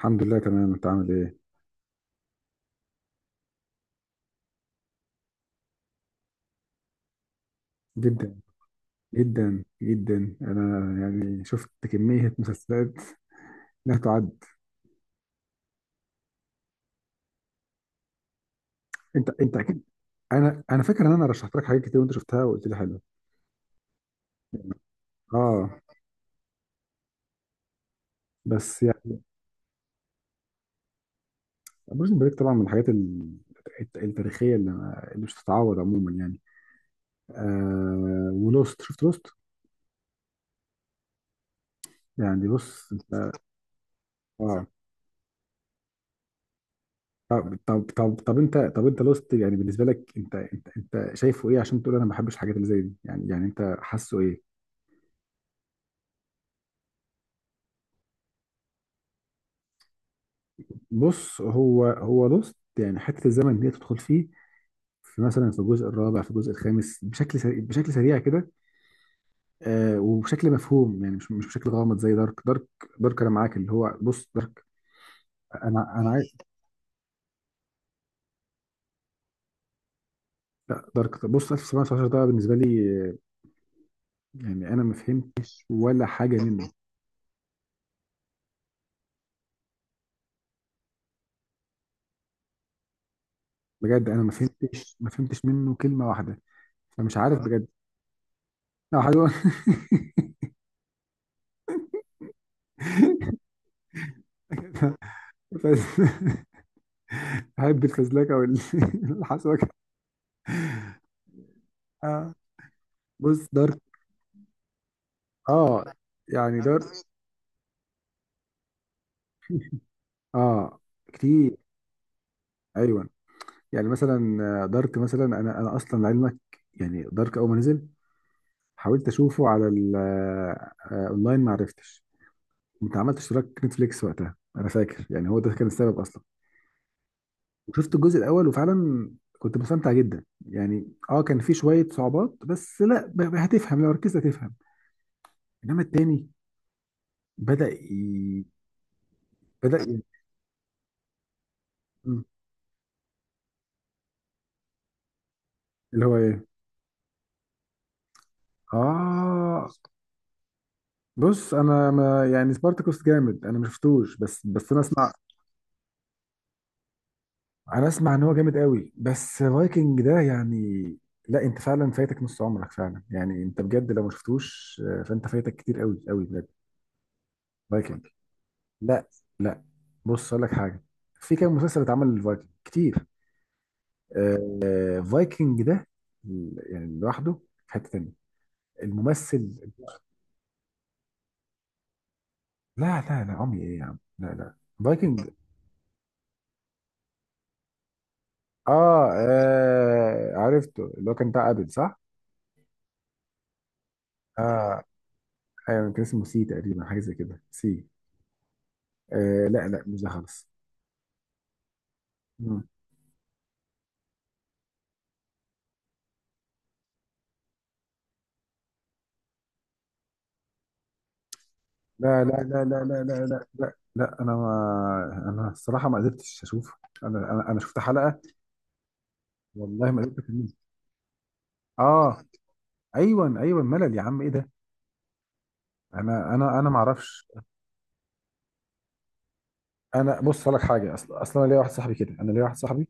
الحمد لله تمام. انت عامل ايه؟ جدا، جدا جدا، انا يعني شفت كمية مسلسلات لا تعد. انت اكيد. انا فاكر ان انا رشحت لك حاجات كتير وانت شفتها وقلت لي حلو. اه بس يعني، بريزن بريك طبعا من الحاجات التاريخية اللي اللي مش تتعوض عموما يعني. ولوست، شفت لوست؟ يعني بص اه. طب انت، انت لوست يعني بالنسبة لك، انت شايفه ايه عشان تقول انا ما بحبش الحاجات اللي زي دي؟ يعني انت حاسه ايه؟ بص هو لوست يعني حته الزمن دي تدخل فيه. في مثلا في الجزء الرابع في الجزء الخامس بشكل سريع، بشكل سريع كده. وبشكل مفهوم، يعني مش بشكل غامض زي دارك دارك. دارك، انا معاك، اللي هو بص دارك. انا عايز. لا دارك، بص، 1919 ده بالنسبه لي، يعني انا ما فهمتش ولا حاجه منه. بجد انا ما فهمتش، ما فهمتش منه كلمه واحده. فمش عارف بجد. لا حلو احب الفزلكه والحسوكه. اه، بص. اه يعني دارت. اه كتير. ايوه. يعني مثلا، دارك مثلا، انا اصلا لعلمك. يعني دارك اول ما نزل حاولت اشوفه على اونلاين، ما عرفتش. كنت عملت اشتراك نتفليكس وقتها، انا فاكر، يعني هو ده كان السبب اصلا. وشفت الجزء الاول وفعلا كنت مستمتع جدا يعني. اه كان في شويه صعوبات بس، لا، هتفهم لو ركزت هتفهم. انما التاني بدأ ي... بدأ ي... م، اللي هو ايه؟ اه بص، انا ما يعني سبارتاكوس جامد، انا ما شفتوش بس، انا اسمع. انا اسمع ان هو جامد قوي، بس فايكنج ده يعني، لا، انت فعلا فايتك نص عمرك فعلا يعني، انت بجد لو ما شفتوش، فانت فايتك كتير قوي قوي بجد. فايكنج، لا، لا، بص اقول لك حاجه. في كام مسلسل اتعمل للفايكنج كتير. فايكنج ده يعني لوحده في حته تانيه. الممثل، لا لا لا عمي ايه يا عم، لا، لا، فايكنج. اه، عرفته اللي هو كان بتاع ابل، صح. اه ايوه، كان اسمه سي تقريبا، حاجه زي كده، سي. لا، لا، مش ده خالص. مم. لا لا لا لا لا لا لا لا لا، انا الصراحه ما قدرتش اشوف. انا شفت حلقه، والله ما قدرت اكمل. اه ايوه ايوه، ملل يا عم، ايه ده. انا ما اعرفش. انا بص أقول لك حاجه، اصلا اصلا انا ليا واحد صاحبي كده، انا ليا واحد صاحبي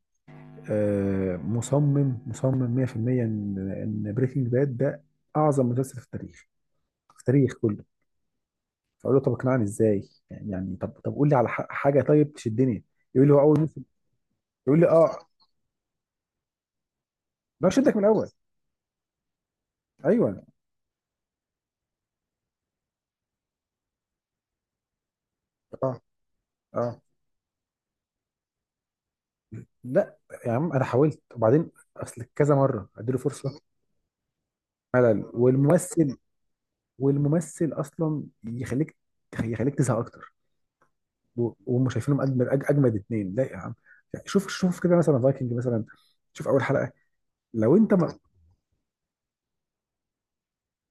مصمم مصمم 100% ان بريكنج باد ده اعظم مسلسل في التاريخ، في التاريخ كله. فاقول له طب اقنعني ازاي يعني، طب قول لي على حاجه طيب تشدني. يقول لي هو اول موسم. يقول لي اه، ما شدك من الاول. ايوه. اه اه. لا يا عم انا حاولت وبعدين، اصل كذا مره اديله فرصه. ملل، والممثل اصلا يخليك تزهق اكتر. وهم شايفينهم اجمد، اجمد اتنين، لا يا عم. شوف كده مثلا فايكنج مثلا، شوف اول حلقه لو انت ما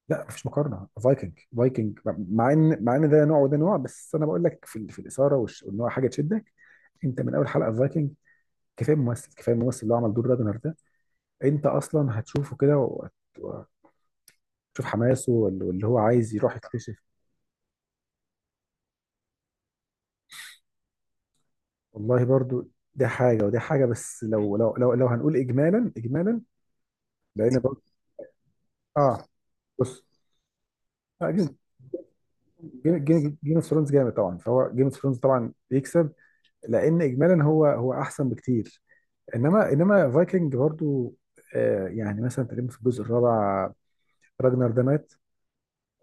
لا، مفيش مقارنه، فايكنج فايكنج. مع ان ده نوع وده نوع، بس انا بقول لك في الاثاره وان هو حاجه تشدك. انت من اول حلقه في فايكنج، كفايه ممثل، كفايه الممثل اللي هو عمل دور راجنر ده، انت اصلا هتشوفه كده، وهتشوف حماسه واللي هو عايز يروح يكتشف. والله برضو، ده حاجه وده حاجه، بس لو لو هنقول اجمالا، اجمالا. لان برضو اه، بص، آه، جيم اوف ثرونز جامد طبعا، فهو جيم اوف ثرونز طبعا يكسب، لان اجمالا هو احسن بكتير. انما فايكنج برضو، يعني مثلا تقريبا في الجزء الرابع راجنر ده مات.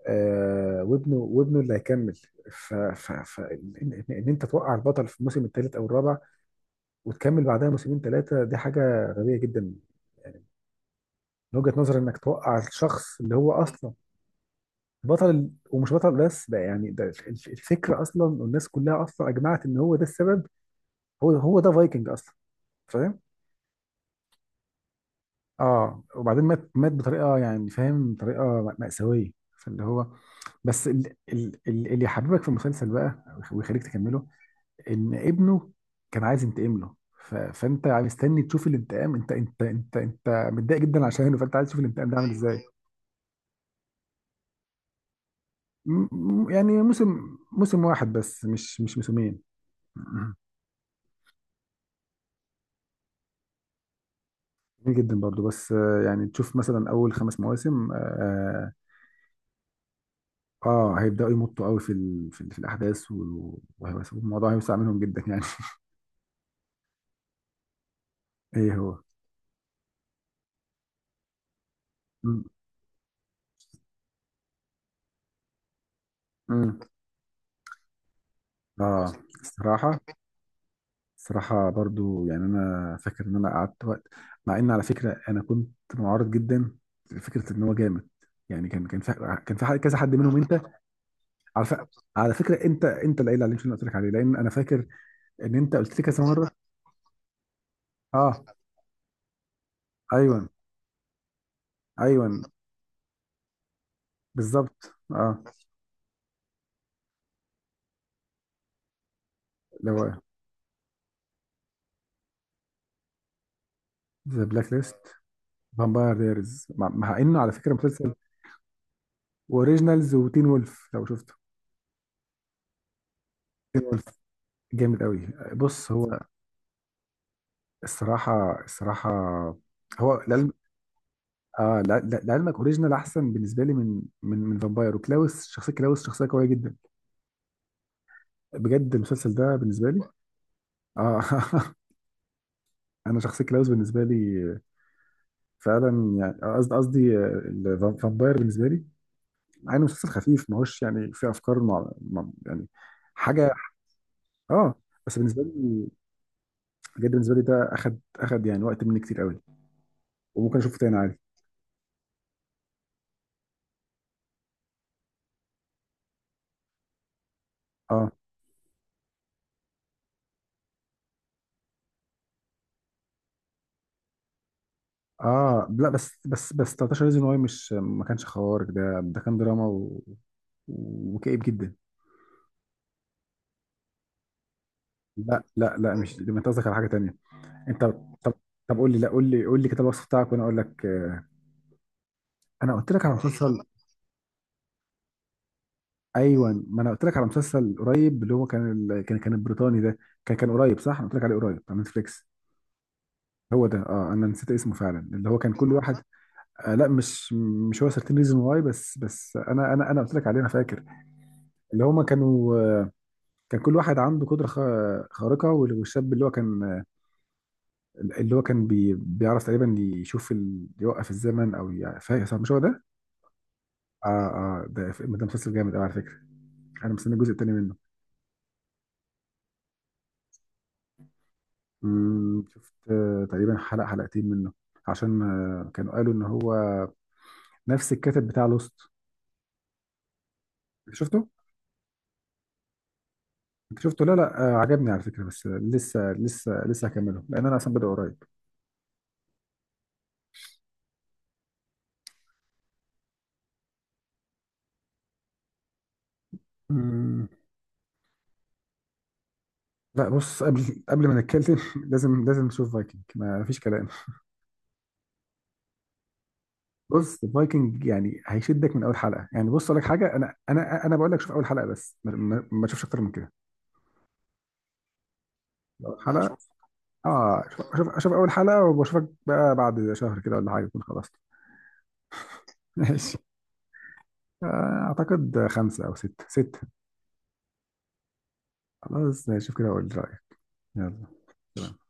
وابنه اللي هيكمل. ف ان انت توقع البطل في الموسم الثالث او الرابع، وتكمل بعدها موسمين ثلاثه، دي حاجه غبيه جدا. من وجهه نظري انك توقع الشخص اللي هو اصلا بطل ومش بطل بس، ده يعني ده الفكره اصلا، والناس كلها اصلا اجمعت ان هو ده السبب. هو ده فايكنج اصلا. اه، وبعدين مات، مات بطريقه يعني، فاهم، طريقه مأساويه. فاللي هو، بس اللي يحببك في المسلسل بقى ويخليك تكمله ان ابنه كان عايز ينتقم له. فانت مستني تشوف الانتقام، انت متضايق جدا عشانه، فانت عايز تشوف الانتقام ده عامل ايوه ازاي ايوه. م- يعني موسم واحد بس، مش موسمين جميل جدا برضو، بس يعني تشوف مثلا اول 5 مواسم، اه هيبداوا يمطوا قوي في الاحداث، والموضوع هيوسع منهم جدا يعني ايه هو. مم. مم. اه. الصراحه، الصراحه برضو، يعني انا فاكر ان انا قعدت وقت، مع ان على فكره انا كنت معارض جدا لفكره ان هو جامد. يعني كان في كذا حد منهم انت. على ف... على فكره، انت اللي قايل عليه، مش انا اللي قلت لك عليه، لان انا فاكر ان انت قلت لي كذا مره. اه ايوه ايوه. بالظبط اه. اللي هو ذا بلاك ليست، فامباير دايرز، مع انه على فكره مسلسل اوريجينالز وتين وولف لو شفته. تين وولف جامد قوي. بص هو الصراحه، الصراحه هو لعلم، اه لعلمك اوريجينال احسن بالنسبه لي من فامباير. وكلاوس، شخصيه كلاوس شخصيه قويه جدا بجد، المسلسل ده بالنسبه لي. اه انا شخصيه كلاوس بالنسبه لي فعلا، يعني قصدي فامباير بالنسبه لي، مع انه مسلسل خفيف، ما هوش يعني فيه افكار، يعني حاجه. اه بس بالنسبه لي بجد، بالنسبه لي ده اخد يعني وقت مني كتير قوي، وممكن اشوفه تاني عادي. اه اه لا، بس 13 ريزون واي مش ما كانش خوارق، ده كان دراما و... وكئيب جدا. لا، لا، لا، مش ده، انت قصدك على حاجه تانيه. انت طب طب قول لي، لا قول لي، كتاب الوصف بتاعك وانا اقول لك. انا قلت لك على مسلسل. ايوه، ما انا قلت لك على مسلسل قريب، اللي هو كان البريطاني ده، كان قريب، صح. انا قلت لك عليه قريب، على نتفليكس. هو ده. اه انا نسيت اسمه فعلا، اللي هو كان كل واحد. لا مش هو سيرتين ريزون واي. بس انا قلت لك عليه. انا فاكر اللي هما كانوا، كان كل واحد عنده قدره خارقه، والشاب اللي هو كان، اللي هو كان بيعرف تقريبا، يوقف الزمن او فاهم، صح؟ مش هو ده؟ اه اه. ده مسلسل جامد قوي على فكره. انا مستني الجزء الثاني منه. شفت تقريبا حلقه حلقتين منه، عشان كانوا قالوا ان هو نفس الكاتب بتاع لوست. شفته؟ انت شفته؟ لا لا، عجبني على فكره، بس لسه، هكمله، لان انا اصلا بدأ قريب. مم. لا بص، قبل ما نتكلم لازم، نشوف فايكنج، ما فيش كلام. بص فايكنج يعني هيشدك من اول حلقه. يعني بص اقول لك حاجه، انا بقول لك شوف اول حلقه بس ما تشوفش اكتر من كده. اول حلقه اشوف. اه شوف. شوف اول حلقه، وبشوفك بقى بعد شهر كده، ولا حاجه تكون خلصت. ماشي. آه، اعتقد 5 او 6، سته. خلاص ماشي، شوف كده اقول رايك. يلا.